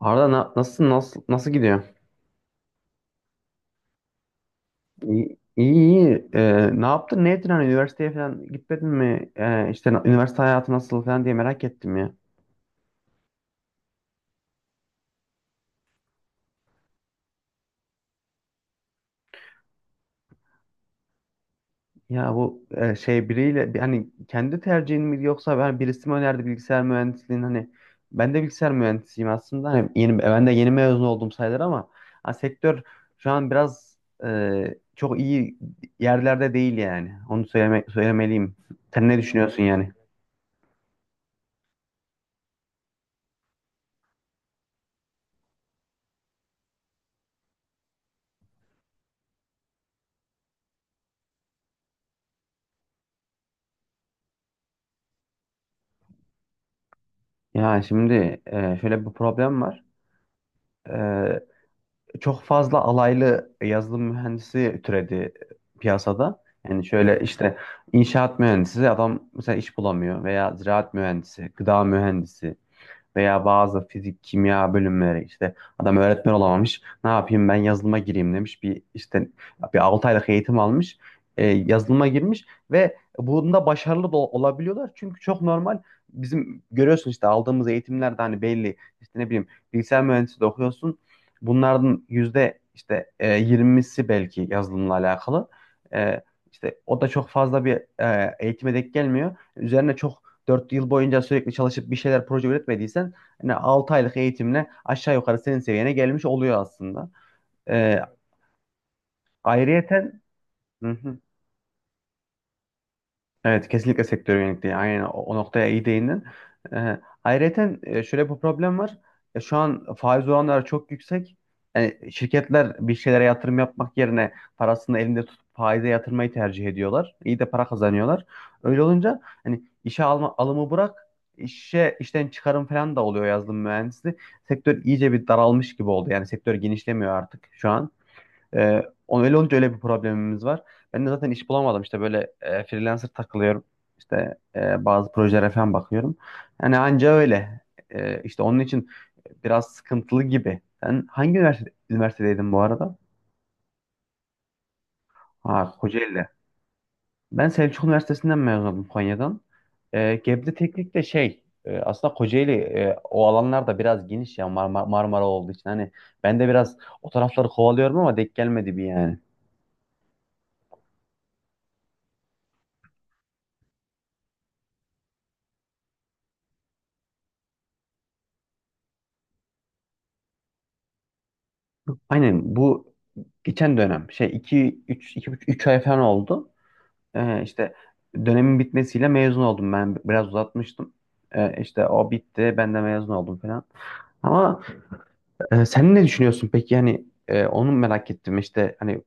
Arda nasıl nasıl gidiyor? İyi iyi. Ne yaptın? Ne ettin? Hani üniversiteye falan gitmedin mi? İşte üniversite hayatı nasıl falan diye merak ettim ya. Ya bu şey biriyle hani kendi tercihin mi yoksa ben birisi mi önerdi bilgisayar mühendisliğini? Hani ben de bilgisayar mühendisiyim aslında. Hani ben de yeni mezun oldum sayılır ama ha, sektör şu an biraz çok iyi yerlerde değil yani. Onu söylemeliyim. Sen ne düşünüyorsun yani? Ya şimdi şöyle bir problem var. Ee, Çok fazla alaylı yazılım mühendisi türedi piyasada. Yani şöyle işte inşaat mühendisi adam mesela iş bulamıyor veya ziraat mühendisi, gıda mühendisi. Veya bazı fizik, kimya bölümleri işte adam öğretmen olamamış. Ne yapayım, ben yazılıma gireyim demiş. Bir 6 aylık eğitim almış. Yazılıma girmiş ve bunda başarılı da olabiliyorlar. Çünkü çok normal, bizim görüyorsun işte aldığımız eğitimlerde hani belli işte ne bileyim, bilgisayar mühendisliği de okuyorsun. Bunlardan yüzde işte 20'si belki yazılımla alakalı. E, işte o da çok fazla bir eğitime denk gelmiyor. Üzerine çok, dört yıl boyunca sürekli çalışıp bir şeyler proje üretmediysen yani 6 aylık eğitimle aşağı yukarı senin seviyene gelmiş oluyor aslında. Evet. Ayrıyeten evet, kesinlikle sektör yönelikliği. Aynen o noktaya iyi değindin. Ayrıyeten şöyle bir problem var. Şu an faiz oranları çok yüksek. Yani şirketler bir şeylere yatırım yapmak yerine parasını elinde tutup faize yatırmayı tercih ediyorlar. İyi de para kazanıyorlar. Öyle olunca hani işe alma, alımı bırak, işe işten çıkarım falan da oluyor yazılım mühendisliği. Sektör iyice bir daralmış gibi oldu. Yani sektör genişlemiyor artık şu an. Öyle olunca öyle bir problemimiz var. Ben de zaten iş bulamadım. İşte böyle freelancer takılıyorum. İşte bazı projelere falan bakıyorum. Yani anca öyle. İşte onun için biraz sıkıntılı gibi. Sen hangi üniversitedeydin bu arada? Ha, Kocaeli'de. Ben Selçuk Üniversitesi'nden mezunum, Konya'dan. E, Gebze Teknik de şey, aslında Kocaeli o alanlarda biraz geniş ya, Marmara olduğu için. Hani ben de biraz o tarafları kovalıyorum ama denk gelmedi bir yani. Aynen bu geçen dönem şey, iki 2 3 ay falan oldu. İşte dönemin bitmesiyle mezun oldum, ben biraz uzatmıştım. İşte o bitti, ben de mezun oldum falan. Ama sen ne düşünüyorsun peki yani? Onu merak ettim işte, hani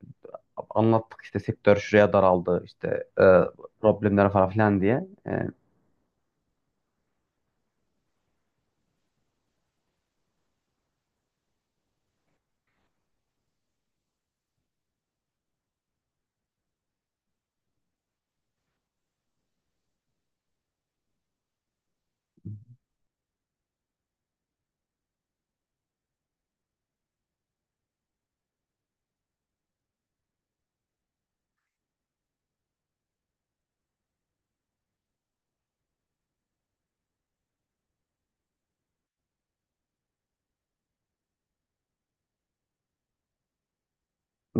anlattık işte sektör şuraya daraldı işte e, problemler falan filan diye.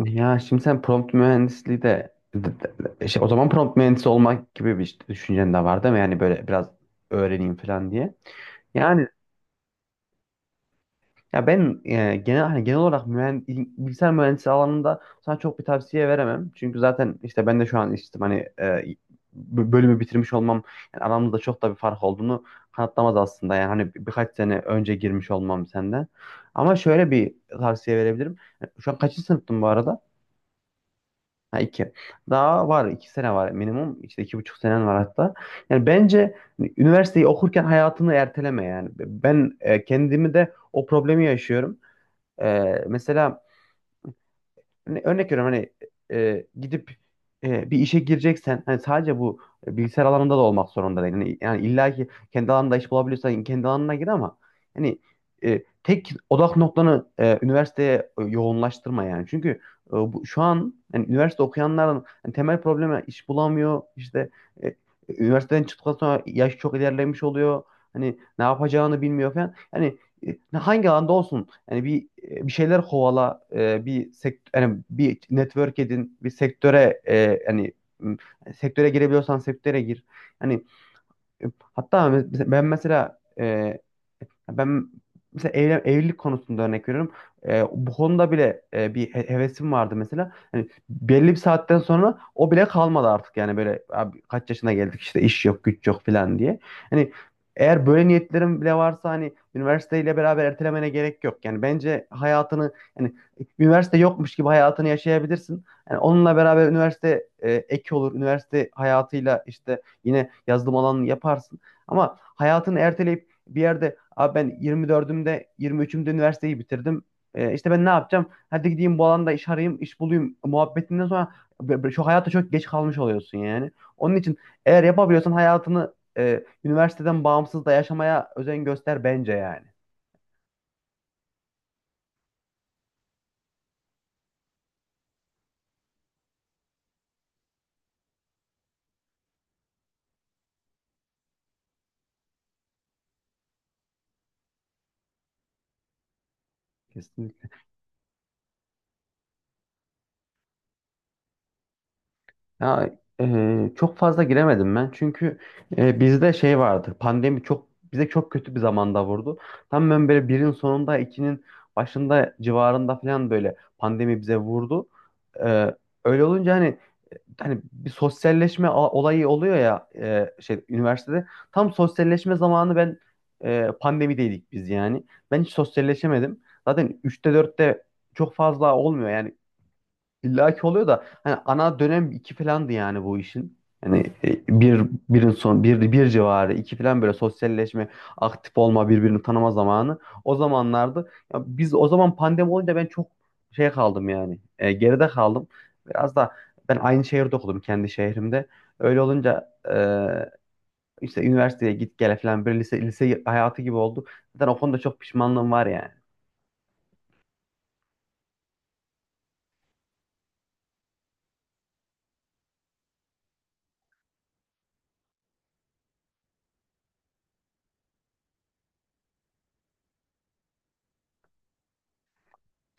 Ya şimdi sen prompt mühendisliği şey, o zaman prompt mühendisi olmak gibi bir işte düşüncen de var değil mi? Yani böyle biraz öğreneyim falan diye. Yani ya ben genel hani bilgisayar mühendisi alanında sana çok bir tavsiye veremem. Çünkü zaten işte ben de şu an işte hani bölümü bitirmiş olmam yani aramızda çok da bir fark olduğunu kanıtlamaz aslında. Yani hani birkaç sene önce girmiş olmam senden. Ama şöyle bir tavsiye verebilirim. Yani şu an kaçıncı sınıftın bu arada? Ha, iki. Daha var, iki sene var minimum. İşte iki buçuk senen var hatta. Yani bence hani üniversiteyi okurken hayatını erteleme yani. Ben kendimi de o problemi yaşıyorum. Mesela hani örnek veriyorum, hani gidip bir işe gireceksen hani sadece bu bilgisayar alanında da olmak zorunda değil. Yani illa ki kendi alanında iş bulabiliyorsan kendi alanına gir ama hani tek odak noktanı üniversiteye yoğunlaştırma yani. Çünkü şu an yani üniversite okuyanların hani temel problemi iş bulamıyor. İşte e, üniversiteden çıktıktan sonra yaş çok ilerlemiş oluyor. Hani ne yapacağını bilmiyor falan. Hani hangi alanda olsun yani bir şeyler kovala, e, bir sekt yani bir network edin, bir sektöre yani m, sektöre girebiliyorsan sektöre gir. Yani e, hatta ben mesela evlilik konusunda örnek veriyorum. Bu konuda bile bir hevesim vardı mesela. Hani belli bir saatten sonra o bile kalmadı artık yani, böyle abi kaç yaşına geldik işte, iş yok güç yok falan diye. Hani eğer böyle niyetlerim bile varsa hani üniversiteyle beraber ertelemene gerek yok. Yani bence hayatını yani üniversite yokmuş gibi hayatını yaşayabilirsin. Yani onunla beraber üniversite ek olur. Üniversite hayatıyla işte yine yazılım alanını yaparsın. Ama hayatını erteleyip bir yerde abi ben 24'ümde, 23'ümde üniversiteyi bitirdim. İşte ben ne yapacağım? Hadi gideyim bu alanda iş arayayım, iş bulayım muhabbetinden sonra şu hayata çok geç kalmış oluyorsun yani. Onun için eğer yapabiliyorsan hayatını üniversiteden bağımsız da yaşamaya özen göster bence yani. Ya çok fazla giremedim ben çünkü bizde şey vardı, pandemi çok bize çok kötü bir zamanda vurdu. Tam ben böyle birin sonunda ikinin başında civarında falan böyle pandemi bize vurdu. E, Öyle olunca hani bir sosyalleşme olayı oluyor ya, şey üniversitede tam sosyalleşme zamanı ben pandemideydik biz yani. Ben hiç sosyalleşemedim. Zaten üçte dörtte çok fazla olmuyor yani. İlla ki oluyor da hani ana dönem iki falandı yani bu işin. Hani e, bir birin son bir civarı iki falan böyle sosyalleşme, aktif olma, birbirini tanıma zamanı. O zamanlardı. Ya biz o zaman pandemi olunca ben çok şey kaldım yani. Geride kaldım. Biraz da ben aynı şehirde okudum, kendi şehrimde. Öyle olunca işte üniversiteye git gele falan böyle lise hayatı gibi oldu. Zaten o konuda çok pişmanlığım var yani.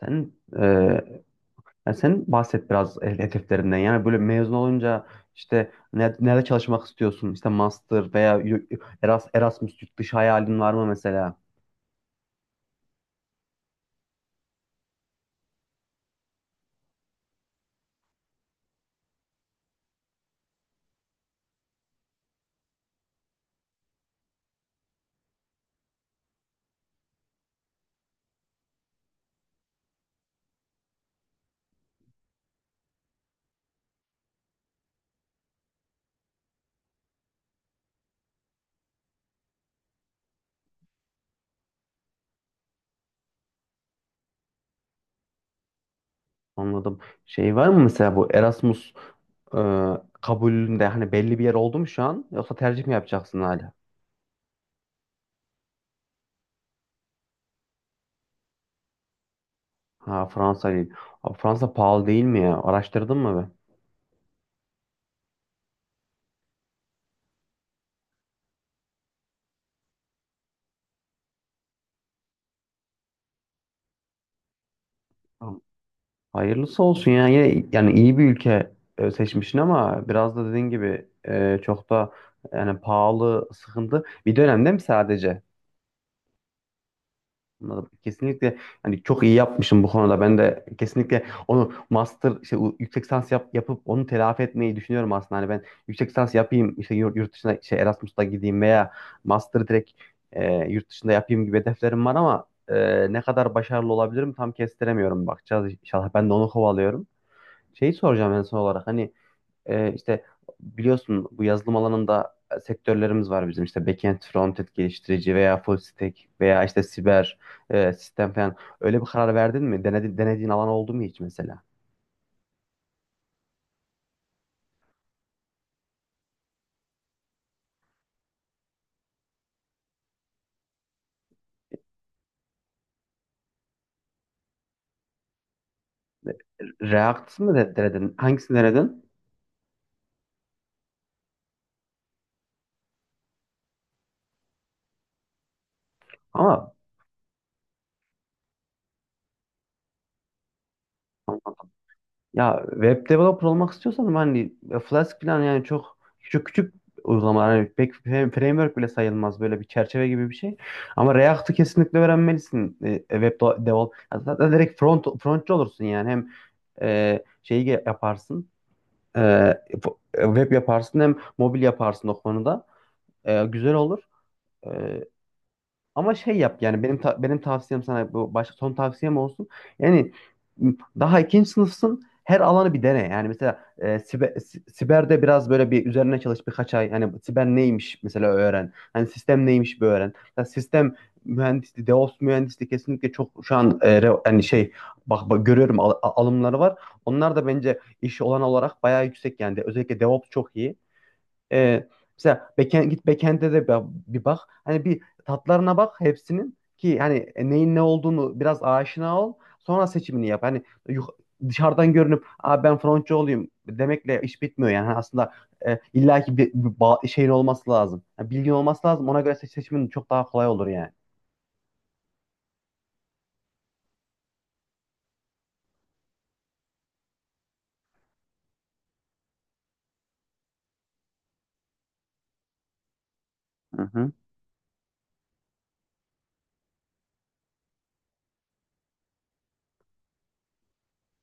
Sen e, yani sen bahset biraz hedeflerinden. Yani böyle mezun olunca işte nerede çalışmak istiyorsun? İşte master veya Erasmus, yurt dışı hayalin var mı mesela? Anladım. Şey var mı mesela bu Erasmus e, kabulünde hani belli bir yer oldu mu şu an? Yoksa tercih mi yapacaksın hala? Ha, Fransa değil. Abi Fransa pahalı değil mi ya? Araştırdın mı be? Hayırlısı olsun ya. Yani iyi bir ülke seçmişsin ama biraz da dediğin gibi çok da yani pahalı, sıkıntı bir dönemde mi sadece? Anladım. Kesinlikle hani çok iyi yapmışım bu konuda. Ben de kesinlikle onu master işte yüksek lisans yapıp onu telafi etmeyi düşünüyorum aslında. Hani ben yüksek lisans yapayım işte yurt dışına şey Erasmus'ta gideyim veya master direkt yurt dışında yapayım gibi hedeflerim var ama ne kadar başarılı olabilirim tam kestiremiyorum. Bakacağız inşallah. Ben de onu kovalıyorum. Şeyi soracağım en son olarak, hani işte biliyorsun bu yazılım alanında sektörlerimiz var bizim, işte backend, frontend geliştirici veya full stack veya işte siber sistem falan. Öyle bir karar verdin mi? Denediğin alan oldu mu hiç mesela? React mı denedin? Hangisini denedin? Ama ya web developer olmak istiyorsan hani Flask falan yani çok küçük uygulamalar, hani pek framework bile sayılmaz, böyle bir çerçeve gibi bir şey. Ama React'ı kesinlikle öğrenmelisin. Web developer. Ya zaten direkt frontçı olursun yani, hem yaparsın. e, Web yaparsın hem mobil yaparsın o konuda. Güzel olur. E, Ama şey yap, yani benim tavsiyem sana bu, başka son tavsiyem olsun. Yani m, daha ikinci sınıfsın, her alanı bir dene. Yani mesela siberde biraz böyle bir üzerine çalış birkaç ay. Yani siber neymiş mesela öğren. Hani sistem neymiş bir öğren. Mesela sistem mühendisliği, DevOps mühendisliği kesinlikle çok şu an hani şey, bak görüyorum alımları var. Onlar da bence iş olan olarak bayağı yüksek yani. Özellikle DevOps çok iyi. Ee, Mesela backend, git backend'e de bir bak. Hani bir tatlarına bak hepsinin ki hani neyin ne olduğunu biraz aşina ol. Sonra seçimini yap. Hani yuk- dışarıdan görünüp aa, ben frontçı olayım demekle iş bitmiyor yani. Hani aslında illaki bir şeyin olması lazım. Yani bilgin olması lazım. Ona göre seçimin çok daha kolay olur yani. Hı hı.